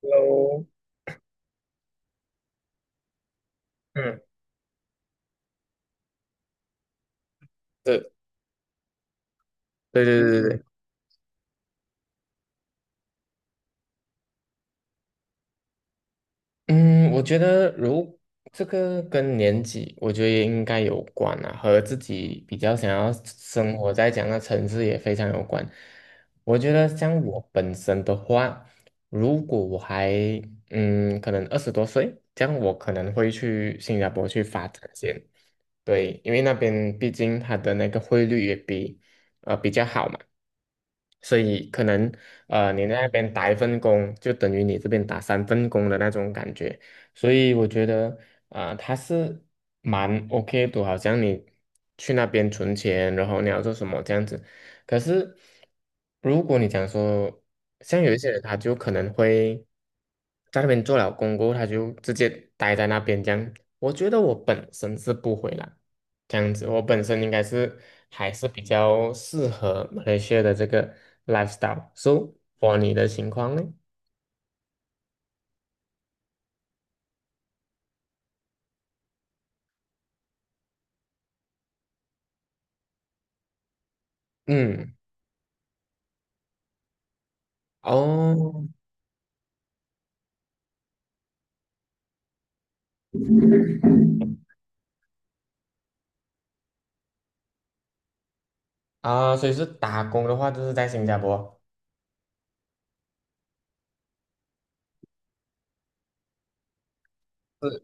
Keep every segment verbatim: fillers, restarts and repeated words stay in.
喽，嗯，对，对对对对对，嗯，我觉得如这个跟年纪，我觉得也应该有关啊，和自己比较想要生活在这样的城市也非常有关。我觉得像我本身的话，如果我还嗯，可能二十多岁，这样我可能会去新加坡去发展先。对，因为那边毕竟它的那个汇率也比呃比较好嘛，所以可能呃你那边打一份工，就等于你这边打三份工的那种感觉，所以我觉得啊、它是蛮 OK 的，好像你去那边存钱，然后你要做什么这样子。可是如果你讲说，像有一些人他就可能会在那边做了工过后他就直接待在那边这样，我觉得我本身是不回来，这样子，我本身应该是还是比较适合马来西亚的这个 lifestyle。So for 你的情况呢？嗯，哦，啊，所以是打工的话，就是在新加坡。是，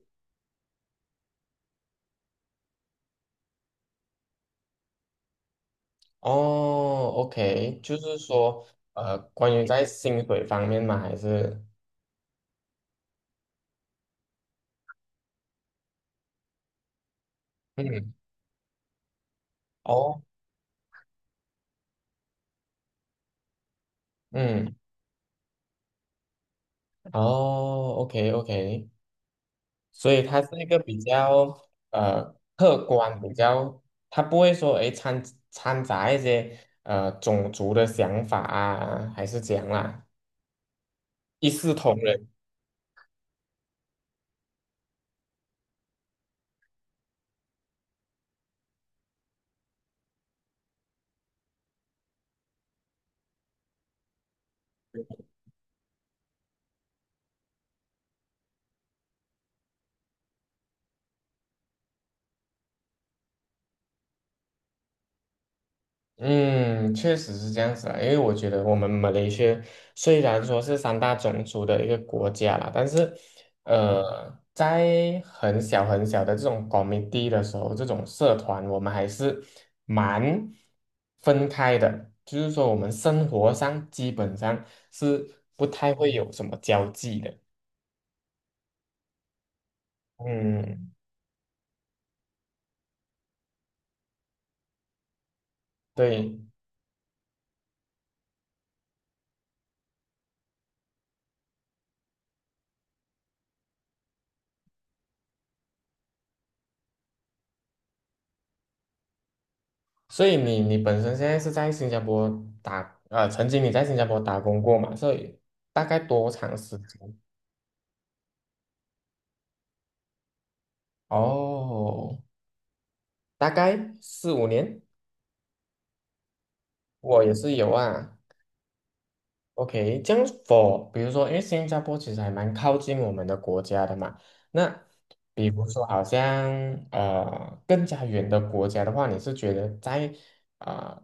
哦，OK，就是说，呃，关于在薪水方面嘛，还是，嗯，哦，嗯，哦，OK，OK，所以它是一个比较呃客观，比较它不会说诶掺掺杂一些呃种族的想法啊，还是怎样啦，一视同仁。嗯，确实是这样子啊，因为我觉得我们马来西亚虽然说是三大种族的一个国家啦，但是，呃，在很小很小的这种 c o m m i t 的时候，这种社团，我们还是蛮分开的，就是说我们生活上基本上是不太会有什么交际的。嗯，对。所以你你本身现在是在新加坡打，呃，曾经你在新加坡打工过嘛？所以大概多长时间？哦，大概四五年，我也是有啊。OK，这样 for 比如说，因为新加坡其实还蛮靠近我们的国家的嘛。那比如说，好像呃更加远的国家的话，你是觉得在呃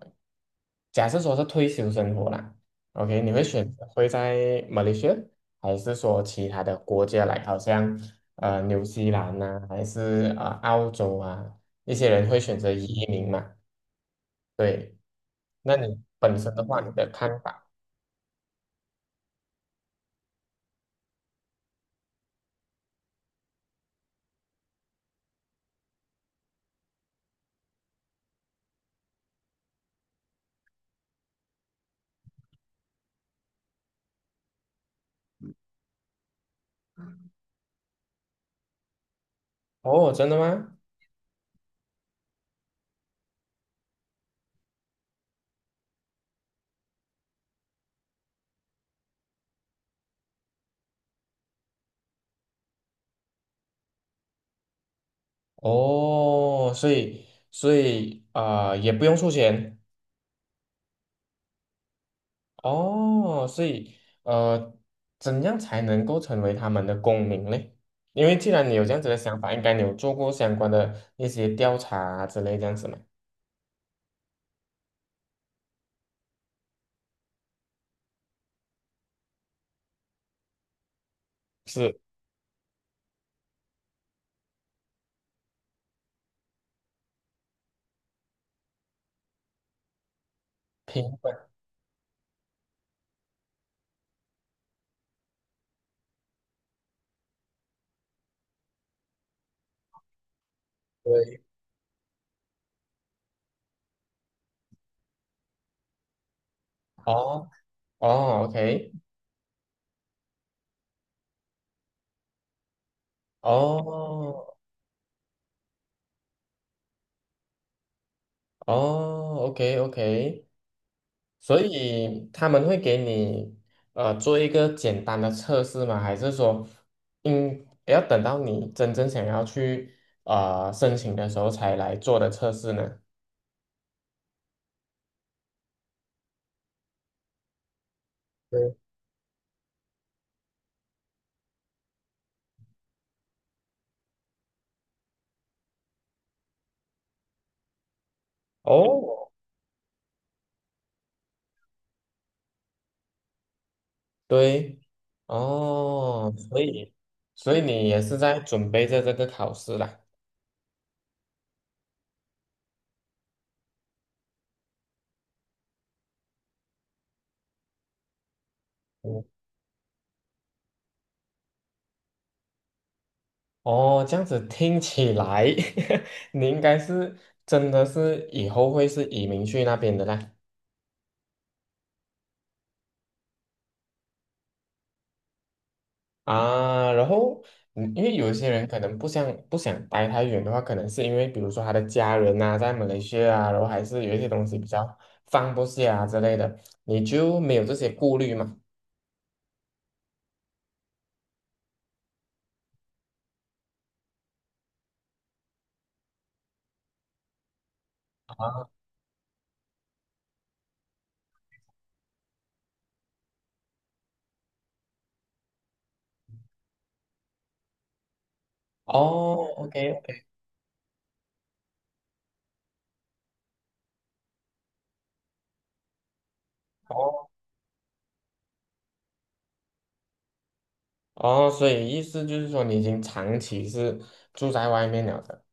假设说是退休生活啦，OK，你会选择会在马来西亚，还是说其他的国家来，好像呃纽西兰呐、还是呃澳洲啊，一些人会选择移民嘛？对，那你本身的话，你的看法？哦，真的吗？哦，所以所以呃也不用出钱。哦，所以呃，怎样才能够成为他们的公民嘞？因为既然你有这样子的想法，应该你有做过相关的一些调查啊之类这样子嘛？是，评分，对，哦哦，OK，哦哦，OK OK，所以他们会给你呃做一个简单的测试吗？还是说，嗯，要等到你真正想要去呃申请的时候才来做的测试呢？对。哦，对，哦，所以，所以你也是在准备着这个考试啦。嗯哦，这样子听起来，你应该是真的是以后会是移民去那边的啦。啊，然后，嗯因为有一些人可能不想不想待太远的话，可能是因为比如说他的家人啊在马来西亚啊，然后还是有一些东西比较放不下啊之类的，你就没有这些顾虑嘛？啊，哦，OK，哦。哦，所以意思就是说你已经长期是住在外面了的。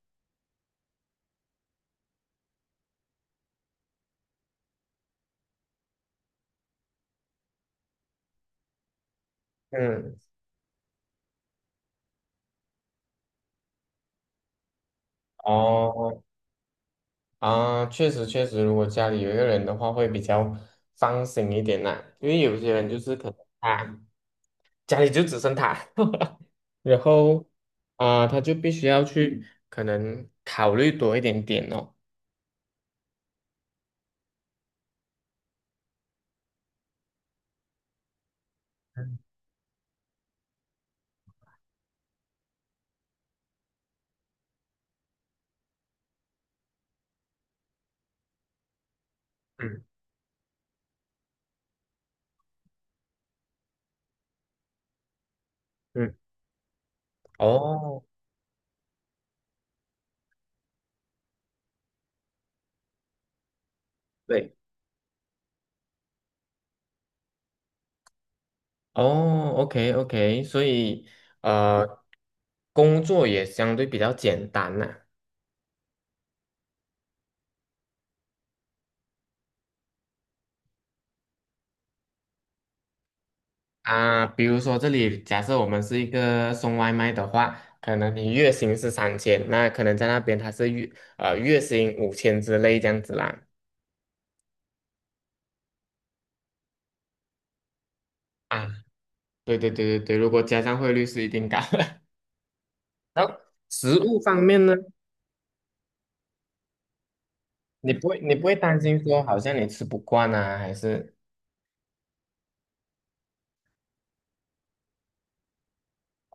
嗯，哦，啊，确实确实，如果家里有一个人的话，会比较放心一点啦。因为有些人就是可能他家里就只剩他，然后啊、他就必须要去可能考虑多一点点哦。嗯嗯，哦，对，哦，OK OK，所以呃，工作也相对比较简单啦。啊，比如说这里假设我们是一个送外卖的话，可能你月薪是三千，那可能在那边他是月呃月薪五千之类这样子啦。啊，对对对对对，如果加上汇率是一定高的。然后食物方面呢，你不会你不会担心说好像你吃不惯啊，还是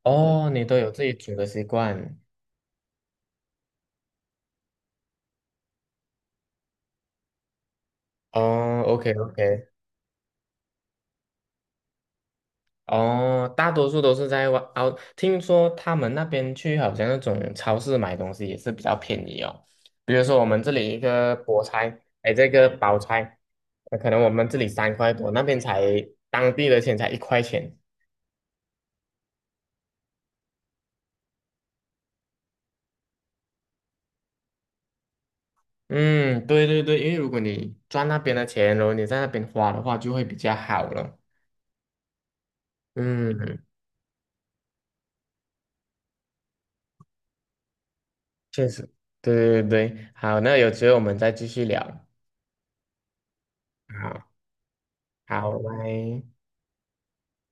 哦你都有自己煮的习惯？哦，OK OK，哦，大多数都是在外哦。听说他们那边去好像那种超市买东西也是比较便宜哦。比如说我们这里一个菠菜，哎，这个包菜，呃可能我们这里三块多，那边才当地的钱才一块钱。嗯，对对对，因为如果你赚那边的钱，然后你在那边花的话，就会比较好了。嗯，确实，对对对，好，那有机会我们再继续聊。好，好，拜拜。